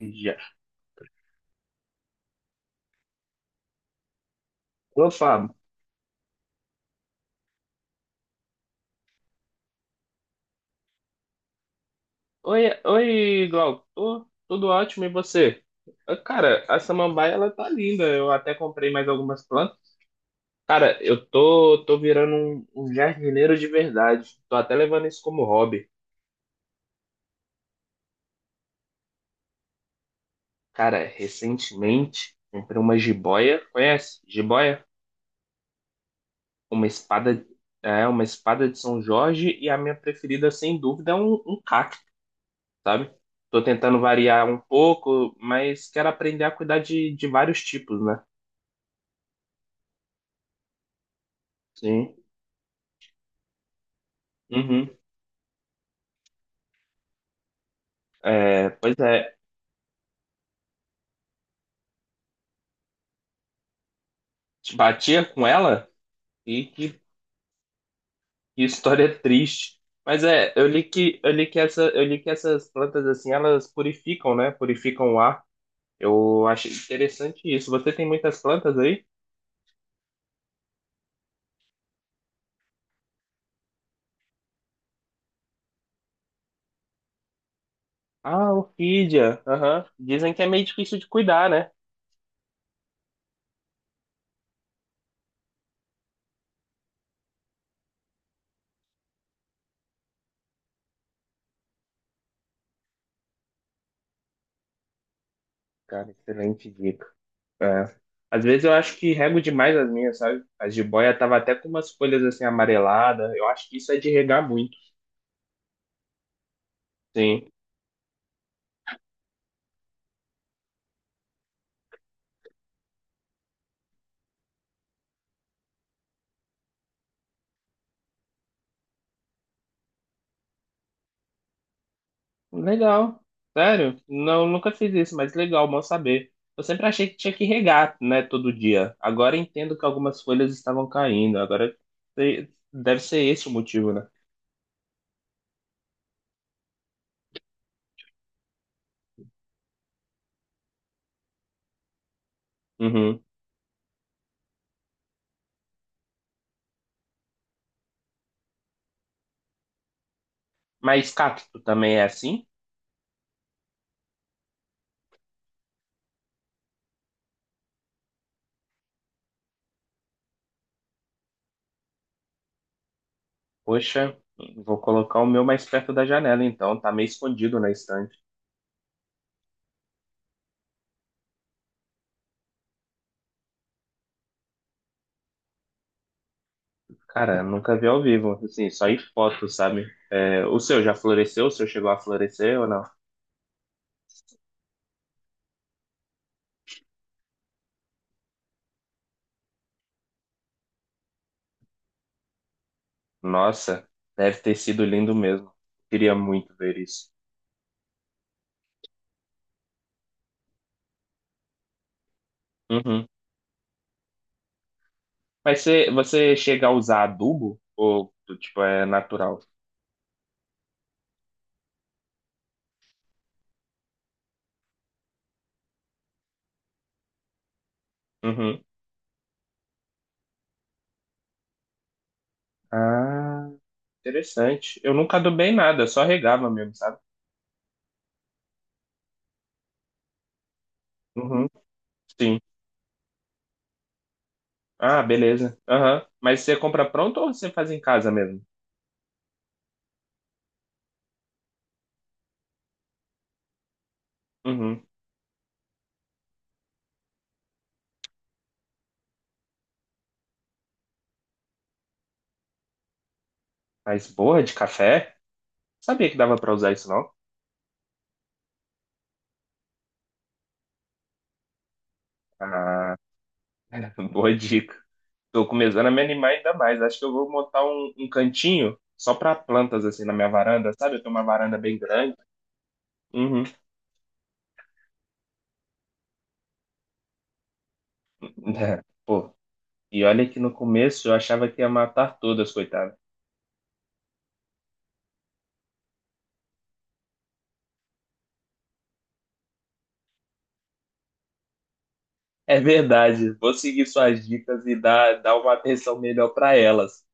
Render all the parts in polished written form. Já. Ô, Fábio. Oi, oi, Glauco. Tudo ótimo, e você? Ah, cara, a samambaia, ela tá linda. Eu até comprei mais algumas plantas. Cara, eu tô virando um jardineiro de verdade. Tô até levando isso como hobby. Cara, recentemente, comprei uma jiboia. Conhece? Jiboia? Uma espada, é, uma espada de São Jorge e a minha preferida, sem dúvida, é um cacto, sabe? Tô tentando variar um pouco, mas quero aprender a cuidar de vários tipos, né? Sim. Uhum. É, pois é, te batia com ela e que história triste. Mas é, eu li que eu li que essas plantas assim, elas purificam, né? Purificam o ar. Eu achei interessante isso. Você tem muitas plantas aí? Ah, orquídea. Aham. Dizem que é meio difícil de cuidar, né? Cara, excelente dica. É. Às vezes eu acho que rego demais as minhas, sabe? A jiboia tava até com umas folhas assim amareladas. Eu acho que isso é de regar muito. Sim. Legal. Sério? Não, nunca fiz isso, mas legal, bom saber. Eu sempre achei que tinha que regar, né, todo dia. Agora entendo que algumas folhas estavam caindo. Agora deve ser esse o motivo, né? Uhum. Mas cacto também é assim? Poxa, vou colocar o meu mais perto da janela, então. Tá meio escondido na estante. Cara, nunca vi ao vivo. Assim, só em foto, sabe? É, o seu já floresceu? O seu chegou a florescer ou não? Nossa, deve ter sido lindo mesmo. Queria muito ver isso. Uhum. Mas você chega a usar adubo? Ou, tipo, é natural? Uhum. Ah, interessante. Eu nunca adubei nada, só regava mesmo, sabe? Uhum. Sim. Ah, beleza. Aham. Mas você compra pronto ou você faz em casa mesmo? Uhum. Mas borra de café? Sabia que dava pra usar isso, não? Ah, boa dica. Tô começando a me animar ainda mais. Acho que eu vou montar um cantinho só pra plantas, assim, na minha varanda, sabe? Eu tenho uma varanda bem grande. Uhum. É. Pô, e olha que no começo eu achava que ia matar todas, coitada. É verdade, vou seguir suas dicas e dar uma atenção melhor para elas.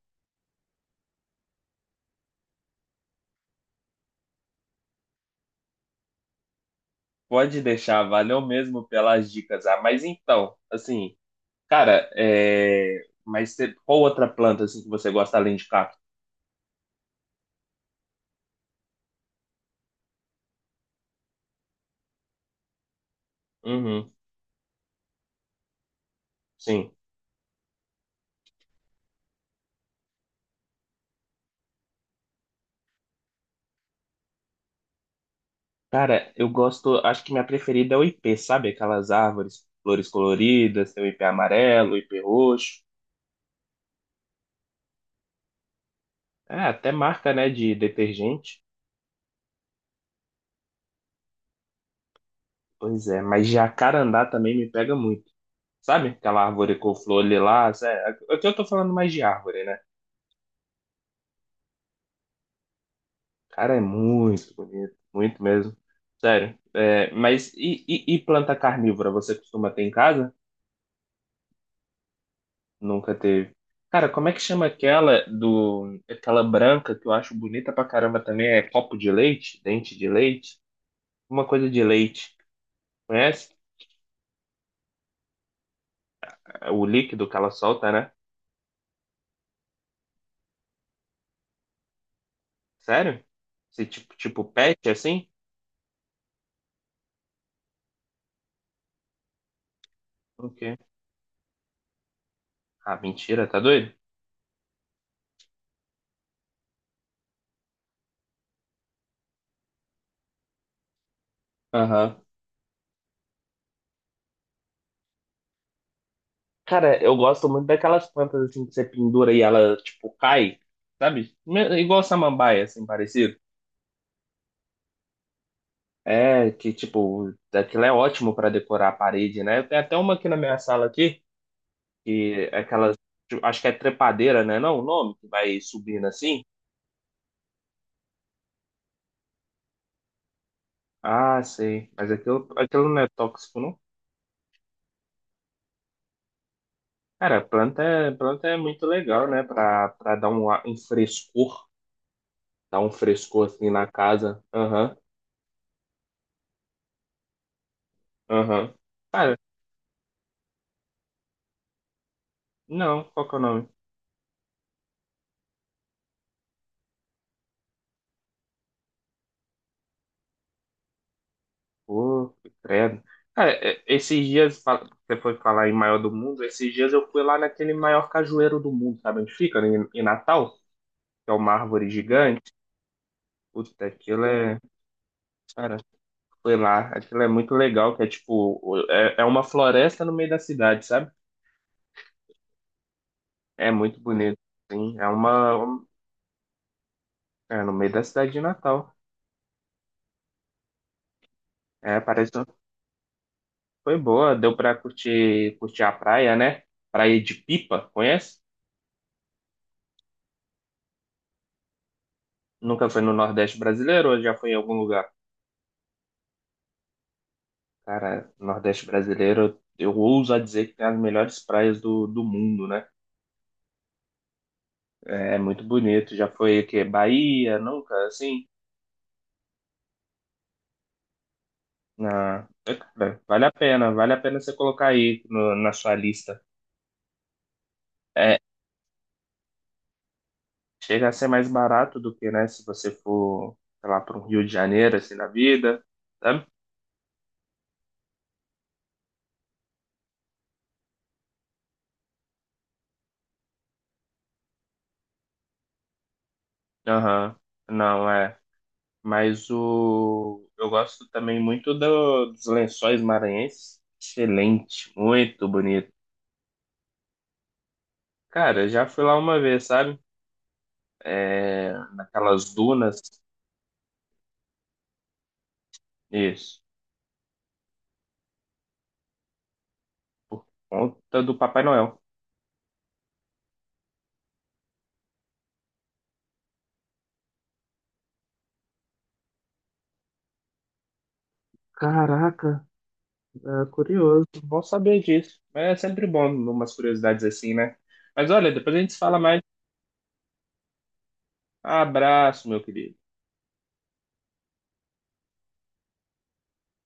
Pode deixar, valeu mesmo pelas dicas. Ah, mas então, assim, cara, mas qual outra planta assim que você gosta além de cacto? Uhum, sim. Cara, eu gosto, acho que minha preferida é o ipê, sabe? Aquelas árvores, flores coloridas, tem o ipê amarelo, o ipê roxo. É, até marca, né, de detergente. Pois é, mas jacarandá também me pega muito. Sabe aquela árvore com flor ali lá? Sério, aqui eu tô falando mais de árvore, né? Cara, é muito bonito, muito mesmo. Sério. É, mas e planta carnívora? Você costuma ter em casa? Nunca teve. Cara, como é que chama aquela branca que eu acho bonita pra caramba também? É copo de leite? Dente de leite? Uma coisa de leite. Conhece? O líquido que ela solta, né? Sério? Esse tipo pet assim? Ok. Ah, mentira, tá doido? Aham. Cara, eu gosto muito daquelas plantas assim que você pendura e ela, tipo, cai, sabe? Igual samambaia, assim, parecido. É, que, tipo, aquilo é ótimo pra decorar a parede, né? Tem até uma aqui na minha sala aqui, que é aquela, tipo, acho que é trepadeira, né? Não, é o nome, que vai subindo assim. Ah, sei. Mas aquilo não é tóxico, não? Cara, planta, planta é muito legal, né? Pra dar um frescor, dar um frescor assim na casa. Aham. Aham. Cara, não, qual que é o nome? Pô, credo. Cara, esses dias, você foi falar em maior do mundo, esses dias eu fui lá naquele maior cajueiro do mundo, sabe onde fica? Em Natal, que é uma árvore gigante. Puta, aquilo é. Cara, foi lá, aquilo é muito legal, que é tipo, é uma floresta no meio da cidade, sabe? É muito bonito, sim. É no meio da cidade de Natal. É, parece que foi boa, deu pra curtir, curtir a praia, né? Praia de Pipa, conhece? Nunca foi no Nordeste brasileiro ou já foi em algum lugar? Cara, Nordeste brasileiro, eu ouso a dizer que tem as melhores praias do mundo, né? É muito bonito. Já foi aqui, Bahia, nunca, assim? Na, vale a pena você colocar aí na sua lista. É, chega a ser mais barato do que, né, se você for, sei lá, para o Rio de Janeiro, assim, na vida, sabe? Aham. Não, é, mas o eu gosto também muito dos Lençóis Maranhenses. Excelente, muito bonito. Cara, já fui lá uma vez, sabe? É, naquelas dunas. Isso. Conta do Papai Noel. Caraca, é curioso. Bom saber disso. É sempre bom umas curiosidades assim, né? Mas olha, depois a gente fala mais. Abraço, meu querido.